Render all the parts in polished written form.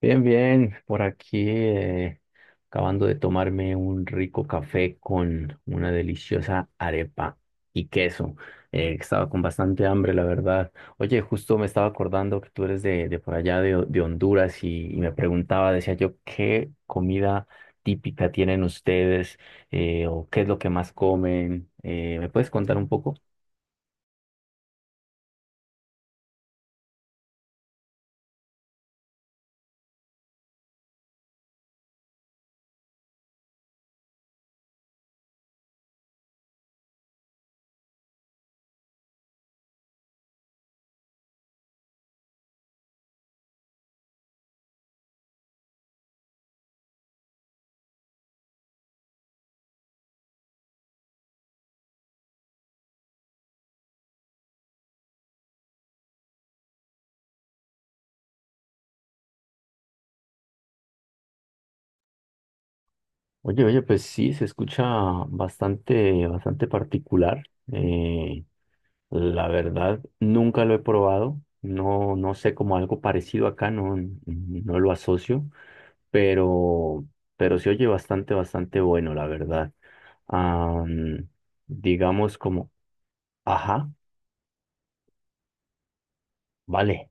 Bien, bien, por aquí acabando de tomarme un rico café con una deliciosa arepa y queso. Estaba con bastante hambre, la verdad. Oye, justo me estaba acordando que tú eres de por allá de Honduras y me preguntaba, decía yo, ¿qué comida típica tienen ustedes? ¿O qué es lo que más comen? ¿Me puedes contar un poco? Oye, oye, pues sí, se escucha bastante, bastante particular. La verdad, nunca lo he probado. No, no sé, como algo parecido acá, no, no lo asocio, pero, pero se oye bastante, bastante bueno, la verdad. Am, digamos como, ajá, vale.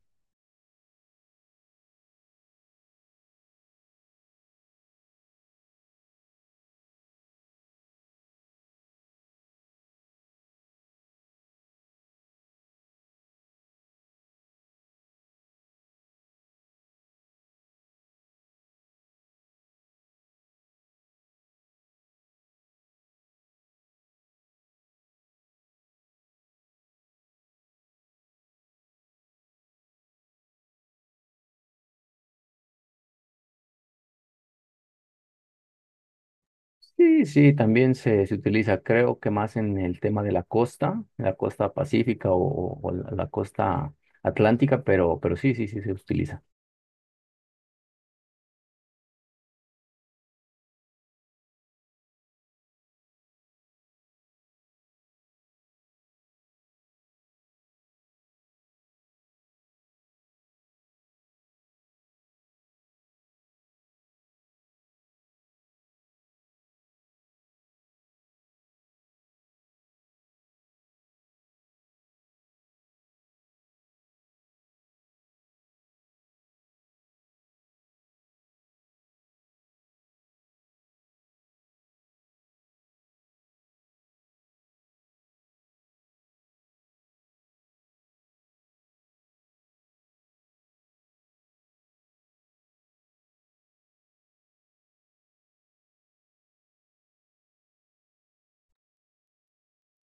Sí, sí, también se utiliza, creo que más en el tema de la costa pacífica o la costa atlántica, pero sí, sí, sí se utiliza.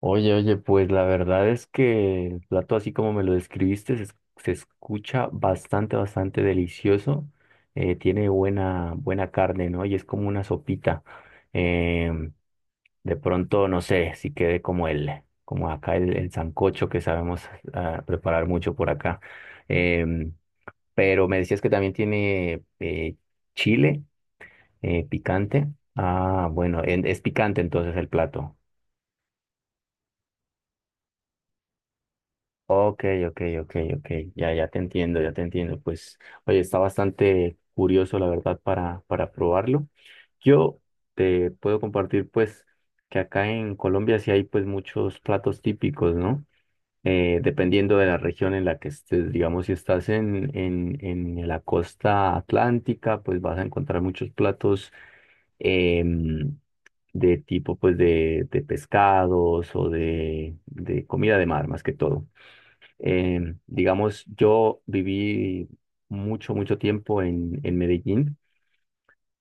Oye, oye, pues la verdad es que el plato así como me lo describiste se escucha bastante, bastante delicioso. Tiene buena, buena carne, ¿no? Y es como una sopita. Em, de pronto, no sé, si quede como el, como acá el sancocho que sabemos ah, preparar mucho por acá. Em, pero me decías que también tiene chile picante. Ah, bueno, es picante entonces el plato. Ok, ok, ok, ok. Ya, ya te entiendo, ya te entiendo. Pues, oye, está bastante curioso, la verdad, para probarlo. Yo te puedo compartir, pues, que acá en Colombia sí hay, pues, muchos platos típicos, ¿no? Dependiendo de la región en la que estés, digamos, si estás en, en la costa atlántica, pues vas a encontrar muchos platos em, de tipo, pues, de pescados o de comida de mar, más que todo. Digamos, yo viví mucho, mucho tiempo en Medellín,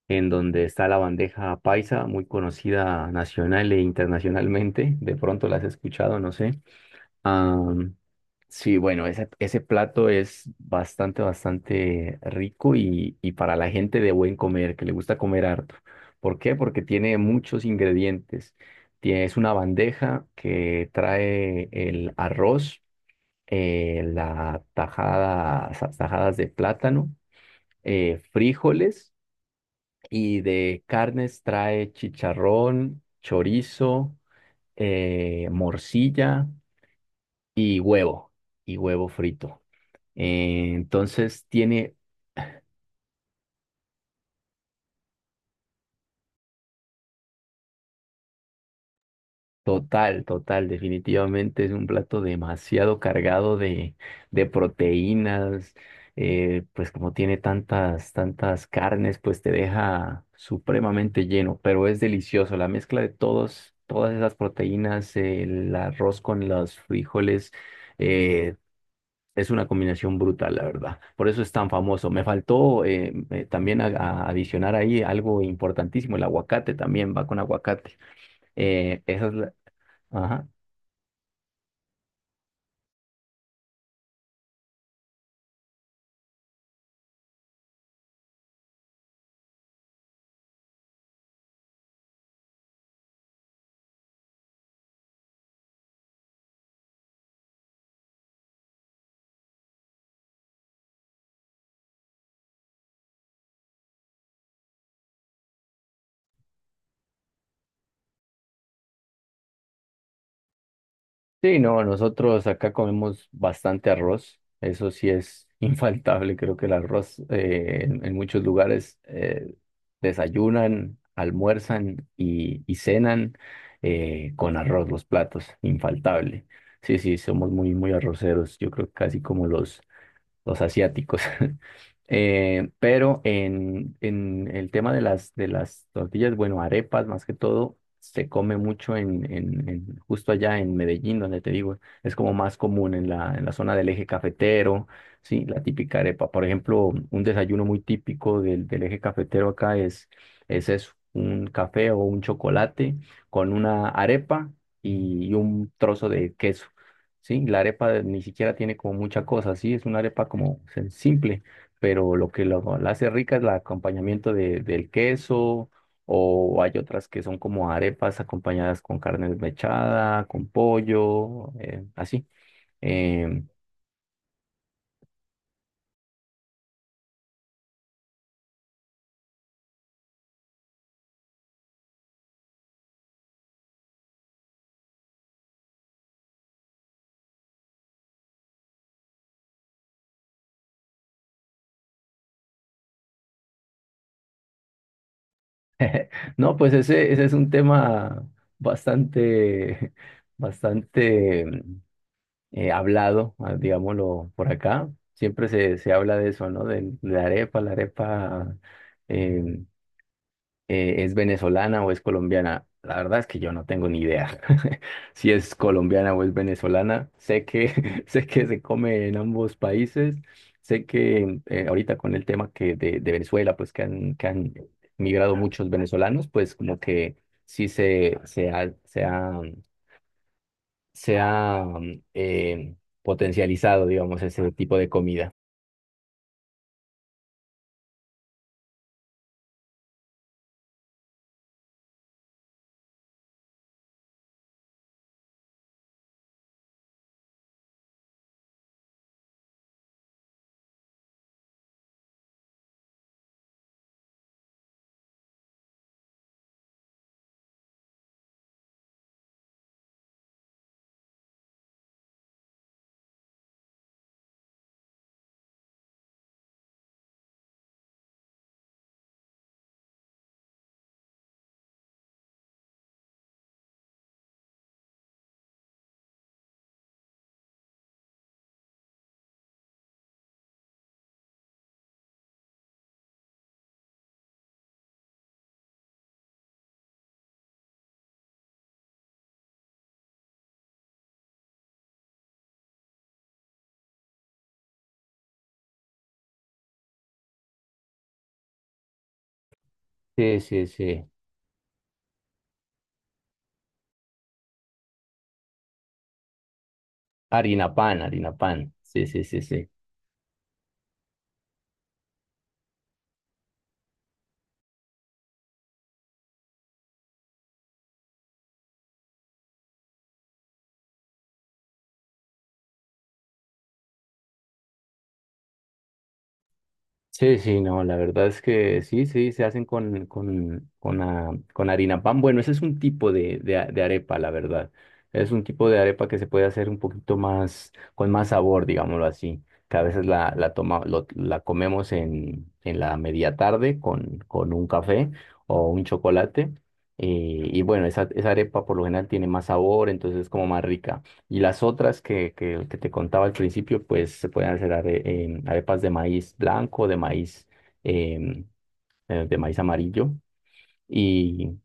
en donde está la bandeja paisa, muy conocida nacional e internacionalmente. De pronto la has escuchado, no sé. Am, sí, bueno, ese plato es bastante, bastante rico y para la gente de buen comer, que le gusta comer harto. ¿Por qué? Porque tiene muchos ingredientes. Es una bandeja que trae el arroz la tajada, tajadas de plátano, frijoles, y de carnes trae chicharrón, chorizo, morcilla y huevo, y huevo frito. Entonces tiene Total, total, definitivamente es un plato demasiado cargado de proteínas, pues como tiene tantas, tantas carnes, pues te deja supremamente lleno, pero es delicioso, la mezcla de todos, todas esas proteínas, el arroz con los frijoles, eh, es una combinación brutal, la verdad, por eso es tan famoso. Me faltó también a adicionar ahí algo importantísimo, el aguacate, también va con aguacate. Eh, esa es la- Ajá. Sí, no, nosotros acá comemos bastante arroz, eso sí es infaltable, creo que el arroz en muchos lugares desayunan, almuerzan y cenan con arroz los platos, infaltable. Sí, sí, somos muy, muy arroceros, yo creo que casi como los asiáticos. Pero en el tema de las tortillas, bueno, arepas más que todo, se come mucho en, justo allá en Medellín, donde te digo, es como más común en la zona del eje cafetero, sí, la típica arepa. Por ejemplo, un desayuno muy típico del, del eje cafetero acá es eso, un café o un chocolate con una arepa y un trozo de queso. Sí, ni siquiera tiene como mucha cosa, sí, es una arepa como simple, pero lo que la hace rica es el acompañamiento de, del queso, o hay otras que son como arepas acompañadas con carne desmechada, con pollo, así. Em, no, pues ese es un tema bastante, bastante hablado, ah, digámoslo por acá. Siempre se, se habla de eso, ¿no? De la arepa, la arepa. em, es venezolana o es colombiana. La verdad es que yo no tengo ni idea si es colombiana o es venezolana. Sé que, sé que se come en ambos países. Sé que ahorita con el tema que de Venezuela, pues que han migrado muchos venezolanos, pues como que sí se ha, se ha, se ha eh, potencializado, digamos, ese tipo de comida. Sí, sí, sí. Harina pan, harina pan. Sí, sí, sí, sí. Sí, sí, no, la verdad es que sí, sí, se hacen con, ah, con harina pan. Bueno, ese es un tipo de, de arepa, la verdad. Es un tipo de arepa que se puede hacer un poquito más, con más sabor, digámoslo así, que a veces la, la, toma, la comemos en la media tarde con un café o un chocolate. Y bueno, esa arepa por lo general tiene más sabor, entonces es como más rica. Y las otras que te contaba al principio, pues se pueden hacer em, arepas de maíz blanco, de maíz, em, de maíz amarillo. Y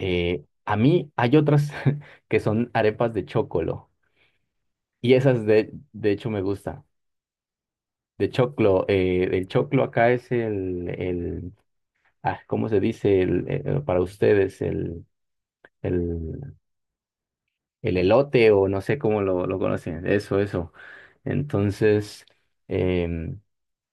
a mí hay otras que son arepas de chocolo. Y esas de hecho me gustan. De choclo, el choclo acá es el ah, ¿cómo se dice? El, para ustedes, el, el elote o no sé cómo lo conocen. Eso, eso. Entonces... em,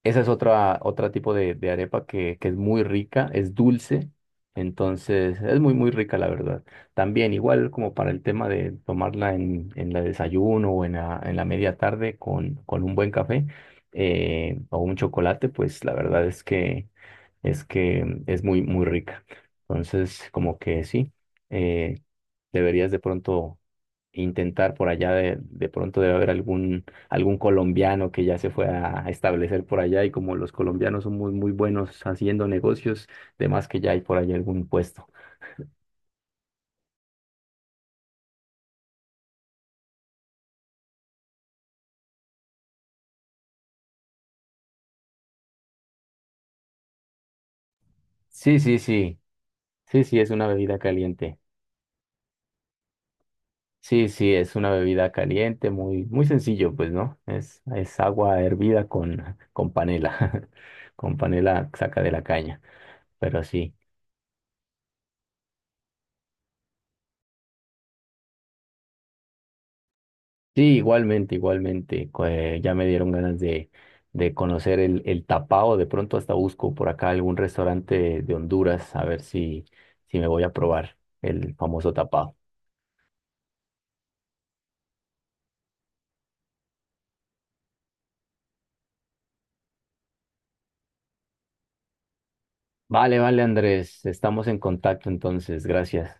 esa es otra, otra tipo de arepa que es muy rica, es dulce, entonces es muy, muy rica, la verdad. También, igual como para el tema de tomarla en la desayuno o en la media tarde con un buen café o un chocolate, pues la verdad es que es que es muy, muy rica. Entonces, como que sí, eh, deberías de pronto intentar por allá de pronto debe haber algún, algún colombiano que ya se fue a establecer por allá y como los colombianos son muy, muy buenos haciendo negocios, de más que ya hay por allá algún puesto. Sí, sí, sí, sí, sí, es una bebida caliente. Sí, sí, es una bebida caliente, muy, muy sencillo, pues, ¿no? Es agua hervida con panela, con panela saca de la caña, pero sí. Sí, igualmente, igualmente. Ya me dieron ganas de conocer el tapao. De pronto hasta busco por acá algún restaurante de Honduras a ver si, si me voy a probar el famoso tapao. Vale, vale, Andrés. Estamos en contacto entonces. Gracias.